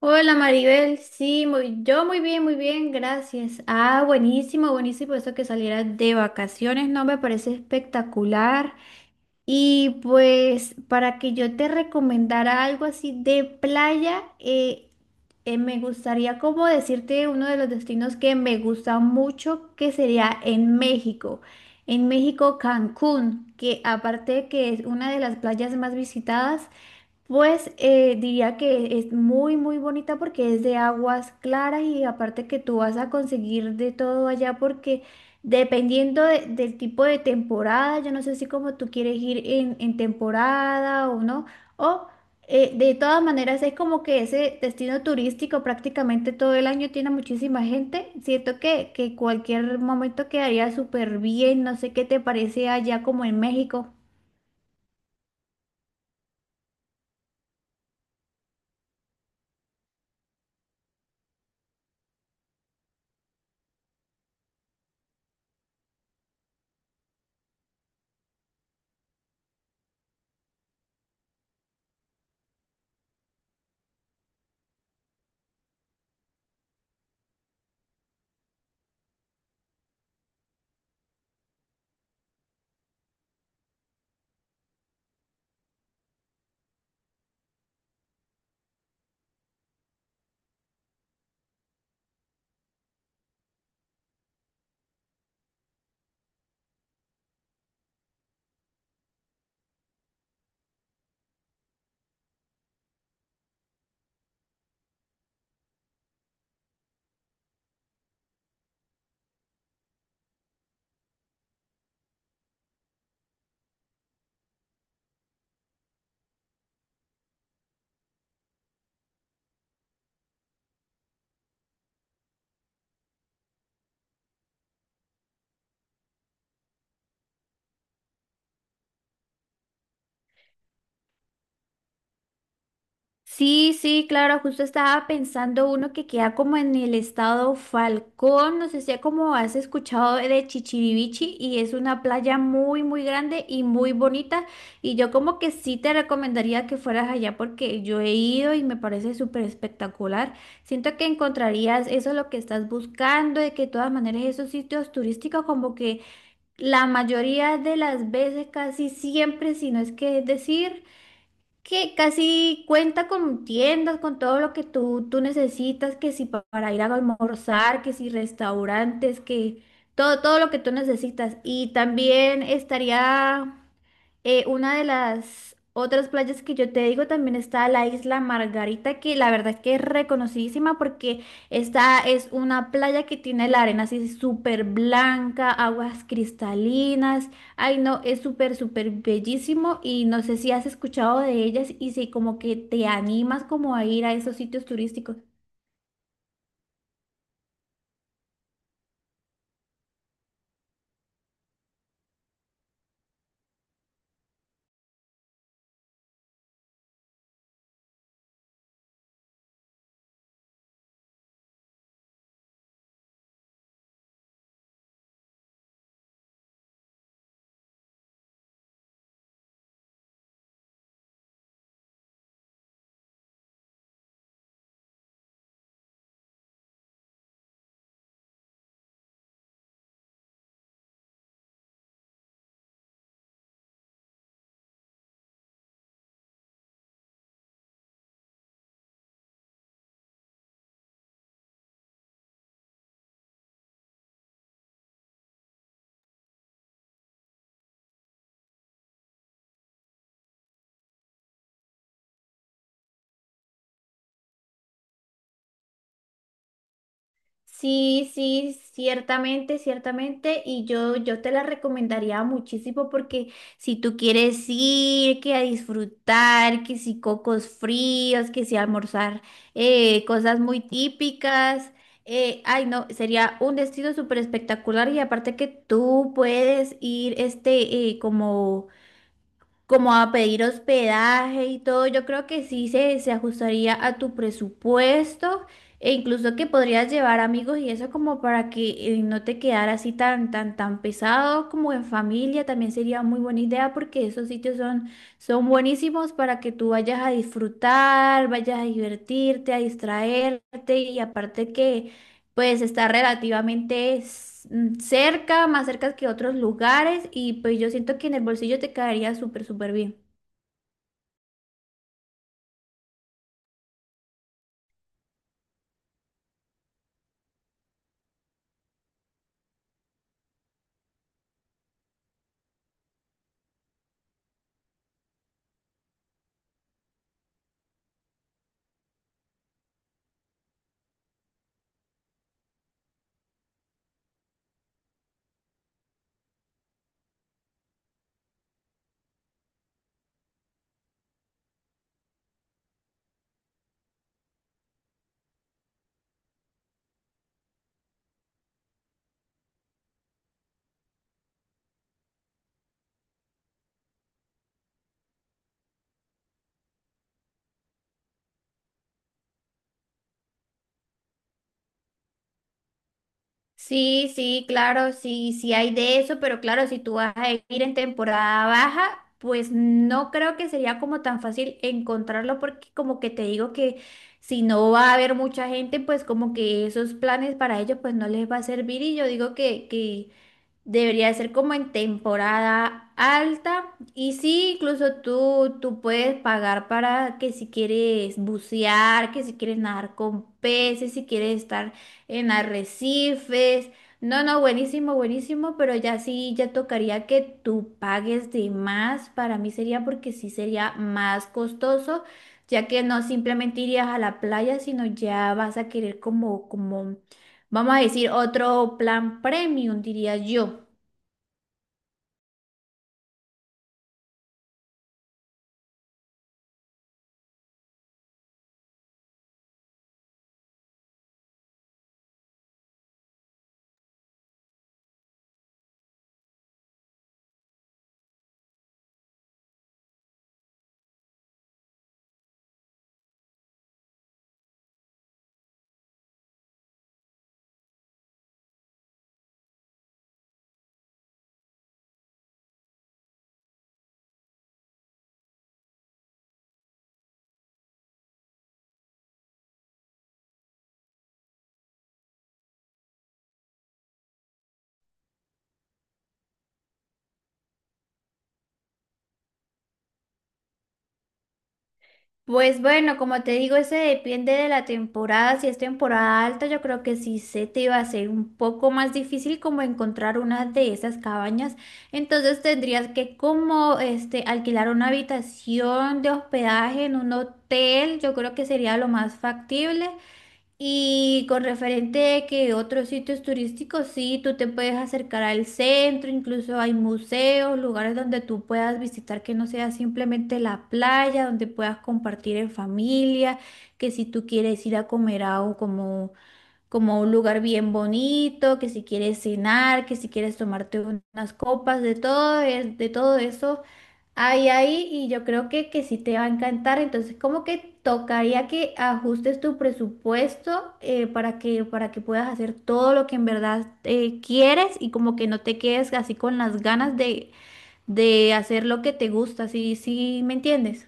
Hola Maribel, sí, yo muy bien, gracias. Ah, buenísimo, buenísimo eso que salieras de vacaciones, no me parece espectacular. Y pues para que yo te recomendara algo así de playa, me gustaría como decirte uno de los destinos que me gusta mucho, que sería en México. En México, Cancún, que aparte de que es una de las playas más visitadas, pues diría que es muy, muy bonita porque es de aguas claras y aparte que tú vas a conseguir de todo allá porque dependiendo del tipo de temporada, yo no sé si como tú quieres ir en temporada o no, o de todas maneras es como que ese destino turístico prácticamente todo el año tiene muchísima gente. Siento que cualquier momento quedaría súper bien, no sé qué te parece allá como en México. Sí, sí, claro, justo estaba pensando uno que queda como en el estado Falcón, no sé si como has escuchado de Chichirivichi y es una playa muy, muy grande y muy bonita y yo como que sí te recomendaría que fueras allá porque yo he ido y me parece súper espectacular. Siento que encontrarías eso lo que estás buscando, de que de todas maneras esos sitios turísticos como que la mayoría de las veces, casi siempre, si no es que decir que casi cuenta con tiendas, con todo lo que tú necesitas, que si para ir a almorzar, que si restaurantes, que todo, todo lo que tú necesitas. Y también estaría una de las otras playas que yo te digo, también está la isla Margarita, que la verdad es que es reconocidísima porque esta es una playa que tiene la arena así súper blanca, aguas cristalinas. Ay, no, es súper, súper bellísimo y no sé si has escuchado de ellas y si como que te animas como a ir a esos sitios turísticos. Sí, sí, ciertamente, ciertamente. Y yo te la recomendaría muchísimo porque si tú quieres ir, que a disfrutar, que si cocos fríos, que si almorzar cosas muy típicas. Ay, no, sería un destino súper espectacular y aparte que tú puedes ir como como a pedir hospedaje y todo, yo creo que sí se ajustaría a tu presupuesto e incluso que podrías llevar amigos y eso como para que no te quedara así tan, tan, tan pesado como en familia, también sería muy buena idea porque esos sitios son, son buenísimos para que tú vayas a disfrutar, vayas a divertirte, a distraerte y aparte que pues está relativamente cerca, más cerca que otros lugares y pues yo siento que en el bolsillo te quedaría súper, súper bien. Sí, sí, claro, sí, sí hay de eso, pero claro, si tú vas a ir en temporada baja, pues no creo que sería como tan fácil encontrarlo porque como que te digo que si no va a haber mucha gente, pues como que esos planes para ellos pues no les va a servir y yo digo que debería ser como en temporada alta. Y sí, incluso tú puedes pagar para que si quieres bucear, que si quieres nadar con peces, si quieres estar en arrecifes. No, no, buenísimo, buenísimo, pero ya sí, ya tocaría que tú pagues de más. Para mí sería porque sí sería más costoso, ya que no simplemente irías a la playa, sino ya vas a querer como, como, vamos a decir, otro plan premium, diría yo. Pues bueno, como te digo, ese depende de la temporada. Si es temporada alta, yo creo que sí se te va a ser un poco más difícil como encontrar una de esas cabañas. Entonces tendrías que como alquilar una habitación de hospedaje en un hotel. Yo creo que sería lo más factible. Y con referente a que otros sitios turísticos, sí, tú te puedes acercar al centro, incluso hay museos, lugares donde tú puedas visitar que no sea simplemente la playa, donde puedas compartir en familia, que si tú quieres ir a comer a como como un lugar bien bonito, que si quieres cenar, que si quieres tomarte unas copas, de todo, de todo eso hay ahí y yo creo que sí te va a encantar. Entonces, como que tocaría que ajustes tu presupuesto, para que puedas hacer todo lo que en verdad quieres y como que no te quedes así con las ganas de hacer lo que te gusta, ¿sí, sí me entiendes?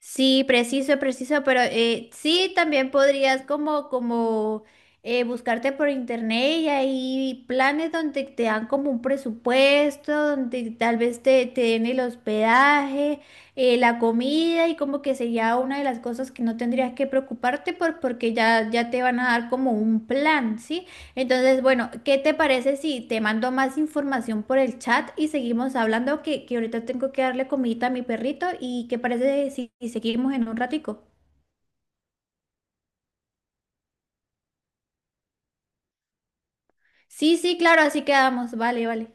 Sí, preciso, preciso, pero sí, también podrías como, como buscarte por internet y hay planes donde te dan como un presupuesto, donde tal vez te den el hospedaje, la comida y como que sería una de las cosas que no tendrías que preocuparte por, porque ya te van a dar como un plan, ¿sí? Entonces, bueno, ¿qué te parece si te mando más información por el chat y seguimos hablando? Que ahorita tengo que darle comidita a mi perrito y ¿qué parece si seguimos en un ratico? Sí, sí, claro, así quedamos. Vale, vale.